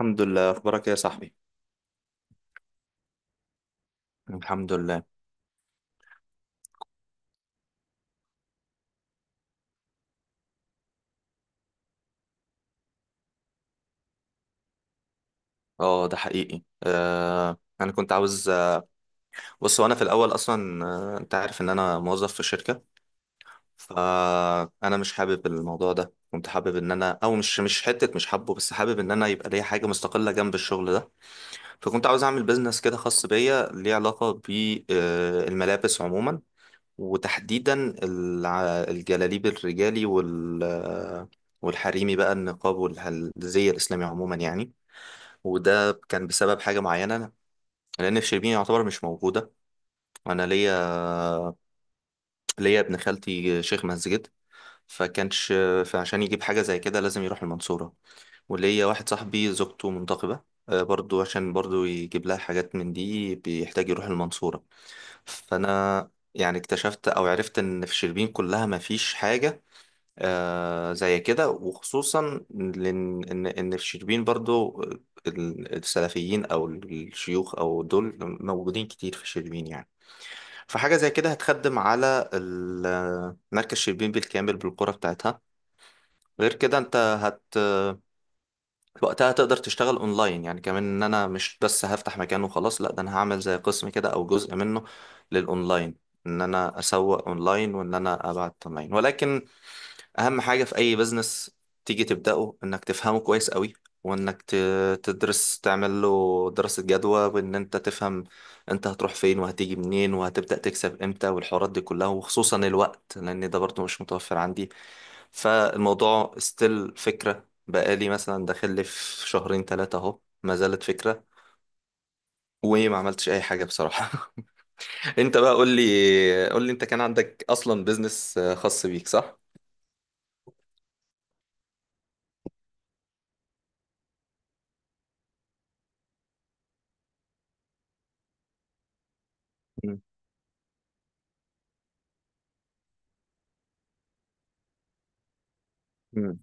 الحمد لله. اخبارك إيه يا صاحبي؟ الحمد لله. اه، ده حقيقي، انا كنت عاوز. بص، وانا في الاول اصلا، انت عارف ان انا موظف في شركه. فانا مش حابب الموضوع ده، كنت حابب ان انا، او مش حته، مش حابه، بس حابب ان انا يبقى ليا حاجه مستقله جنب الشغل ده. فكنت عاوز اعمل بيزنس كده خاص بيا ليه علاقه بالملابس عموما، وتحديدا الجلاليب الرجالي والحريمي بقى، النقاب والزي الاسلامي عموما يعني. وده كان بسبب حاجة معينة. أنا لأن في شربين يعتبر مش موجودة. أنا ليا، ابن خالتي شيخ مسجد. فكانش فعشان يجيب حاجة زي كده لازم يروح المنصورة. وليا واحد صاحبي زوجته منتقبة، برضو عشان برضو يجيب لها حاجات من دي بيحتاج يروح المنصورة. فأنا يعني اكتشفت أو عرفت إن في شربين كلها مفيش حاجة زي كده، وخصوصا لأن إن الشربين برضو، السلفيين أو الشيوخ أو دول موجودين كتير في الشربين يعني. فحاجة زي كده هتخدم على مركز شربين بالكامل بالقرى بتاعتها. غير كده أنت هت وقتها تقدر تشتغل أونلاين يعني كمان. إن أنا مش بس هفتح مكان وخلاص، لأ، ده أنا هعمل زي قسم كده أو جزء منه للأونلاين. إن أنا أسوق أونلاين وإن أنا أبعت أونلاين. ولكن اهم حاجة في اي بزنس تيجي تبدأه انك تفهمه كويس قوي، وانك تدرس، تعمل له دراسة جدوى، وان انت تفهم انت هتروح فين وهتيجي منين وهتبدأ تكسب امتى والحوارات دي كلها. وخصوصا الوقت لان ده برضه مش متوفر عندي. فالموضوع ستيل فكرة، بقالي مثلا داخل لي في شهرين ثلاثة اهو ما زالت فكرة، وما عملتش اي حاجة بصراحة. انت بقى قول لي انت كان عندك اصلا بزنس خاص بيك، صح؟ مم. مم.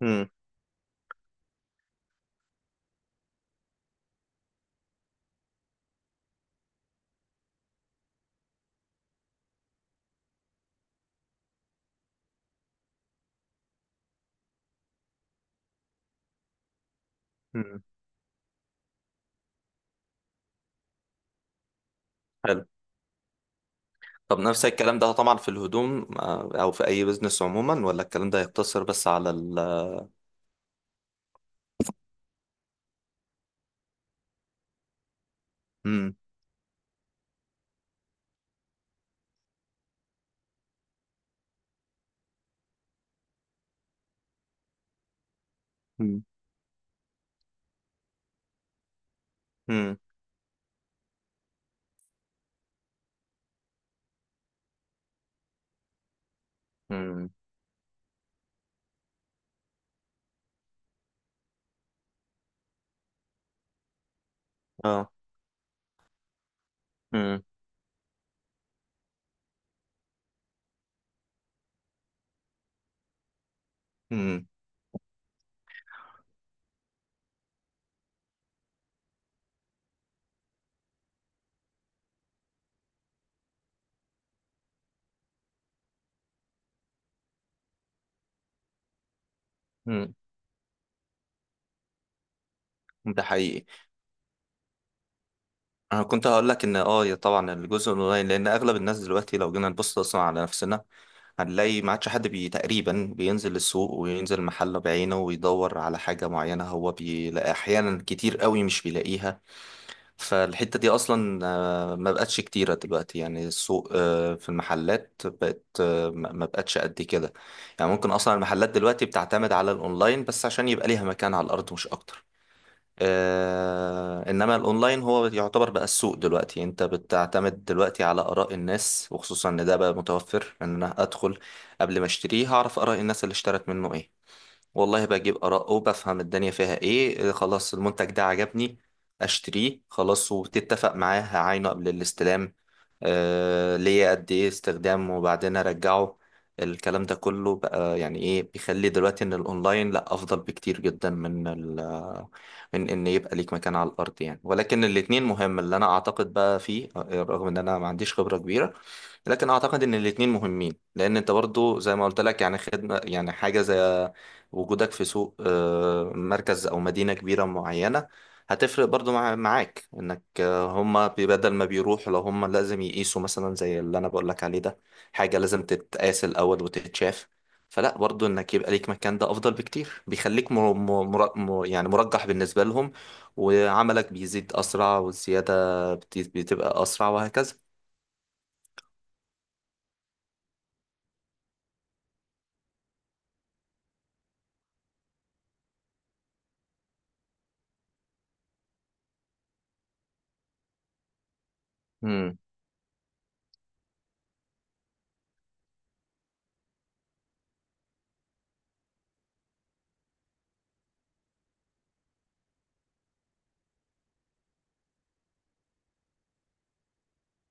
مم. مم. حلو. طب نفس الكلام ده طبعا في الهدوم، او في اي بزنس عموما، ولا الكلام ده يقتصر بس على ال. مم. مم. مم. مم. اه. مم. مم. مم. ده حقيقي. انا كنت هقول لك ان يا طبعا الجزء الاونلاين. لان اغلب الناس دلوقتي لو جينا نبص اصلا على نفسنا، هنلاقي ما عادش حد تقريبا بينزل السوق وينزل محله بعينه ويدور على حاجة معينة، هو بيلاقي أحيانا كتير قوي مش بيلاقيها. فالحتة دي أصلا، ما بقتش كتيرة دلوقتي. يعني السوق، في المحلات بقت، ما بقتش قد كده. يعني ممكن أصلا المحلات دلوقتي بتعتمد على الأونلاين بس عشان يبقى ليها مكان على الأرض مش أكتر. إنما الأونلاين هو يعتبر بقى السوق دلوقتي. أنت بتعتمد دلوقتي على آراء الناس، وخصوصا إن ده بقى متوفر. إن أنا أدخل قبل ما أشتريه هعرف آراء الناس اللي اشترت منه إيه. والله بجيب آراء وبفهم الدنيا فيها إيه، خلاص المنتج ده عجبني أشتريه خلاص. وتتفق معاه هعاينه قبل الاستلام، ليا قد إيه استخدام وبعدين أرجعه. الكلام ده كله بقى يعني إيه بيخلي دلوقتي إن الأونلاين لأ أفضل بكتير جدا من إن يبقى ليك مكان على الأرض يعني. ولكن الاتنين مهم. اللي أنا أعتقد بقى فيه، رغم إن أنا ما عنديش خبرة كبيرة، لكن اعتقد ان الاتنين مهمين. لان انت برضو زي ما قلت لك، يعني خدمة يعني حاجة زي وجودك في سوق، مركز او مدينة كبيرة معينة، هتفرق برضو معاك انك، هما بدل ما بيروحوا لو هما لازم يقيسوا مثلا زي اللي انا بقول لك عليه ده، حاجة لازم تتقاس الاول وتتشاف. فلا برضو انك يبقى ليك مكان ده افضل بكتير، بيخليك يعني مرجح بالنسبة لهم. وعملك بيزيد اسرع، والزيادة بتبقى اسرع وهكذا.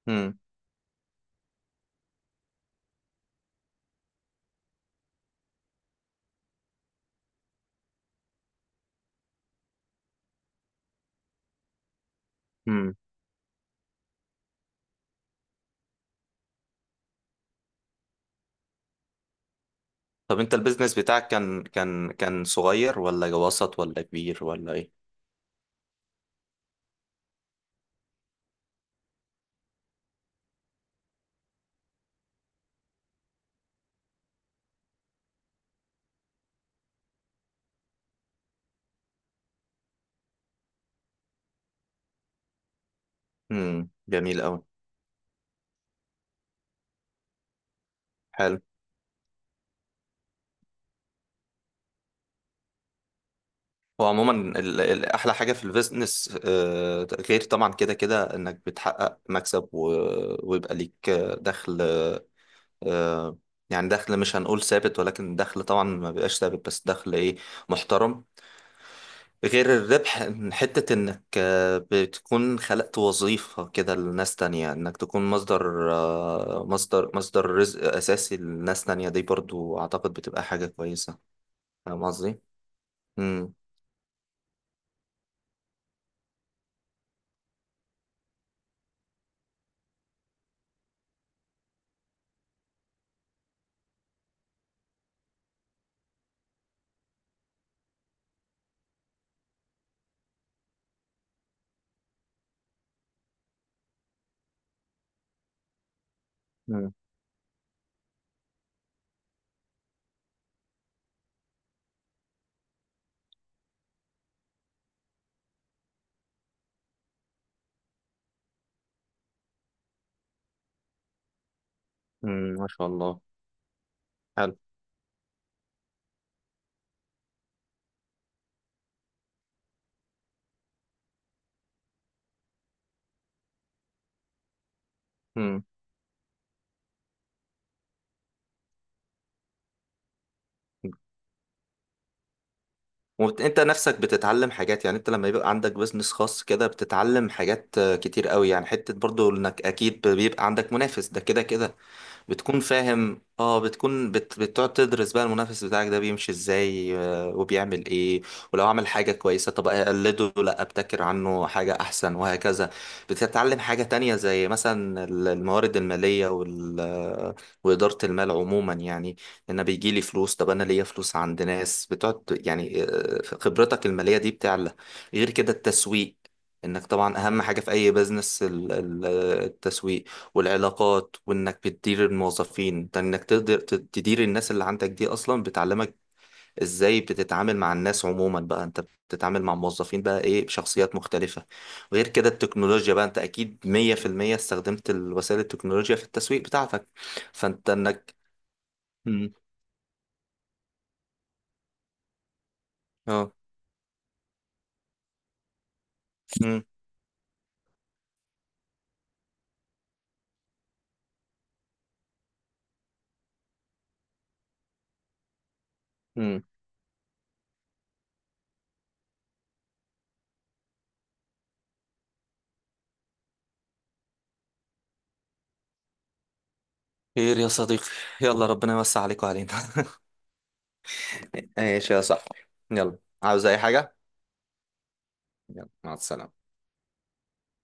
مم. امم طب انت البيزنس بتاعك كان صغير ولا وسط ولا كبير ولا ايه؟ امم. جميل قوي. حلو. هو عموما احلى حاجه في البيزنس، غير طبعا كده كده انك بتحقق مكسب ويبقى ليك، دخل. آه، يعني دخل، مش هنقول ثابت، ولكن دخل طبعا ما بيبقاش ثابت بس دخل ايه، محترم. غير الربح، إن حتة انك بتكون خلقت وظيفة كده لناس تانية، انك تكون مصدر، مصدر رزق اساسي لناس تانية، دي برضو اعتقد بتبقى حاجة كويسة. فاهم قصدي؟ مم. مم. مم. ما شاء الله. حلو. مم. وانت نفسك بتتعلم حاجات، يعني انت لما يبقى عندك بيزنس خاص كده بتتعلم حاجات، كتير قوي. يعني حتة برضو انك اكيد بيبقى عندك منافس ده كده كده، بتكون فاهم. اه، بتكون بتقعد تدرس بقى المنافس بتاعك ده بيمشي ازاي، وبيعمل ايه. ولو عمل حاجة كويسة، طب اقلده، لا ابتكر عنه حاجة احسن وهكذا. بتتعلم حاجة تانية زي مثلا الموارد المالية وال... آه، وإدارة المال عموما يعني. انا بيجي لي فلوس، طب انا ليا فلوس عند ناس بتقعد يعني، خبرتك المالية دي بتعلى. غير كده التسويق. انك طبعا اهم حاجة في اي بزنس التسويق والعلاقات. وانك بتدير الموظفين، ده انك تقدر تدير الناس اللي عندك دي اصلا بتعلمك ازاي بتتعامل مع الناس عموما بقى. انت بتتعامل مع موظفين بقى ايه، بشخصيات مختلفة. غير كده التكنولوجيا بقى، انت اكيد 100% استخدمت الوسائل التكنولوجيا في التسويق بتاعتك. فانت انك. مم. اه. مم. مم. خير يا صديقي. يلا ربنا يوسع عليك وعلينا. ايش يا صاحبي. يلا. عاوز اي حاجة. يلا مع السلامة.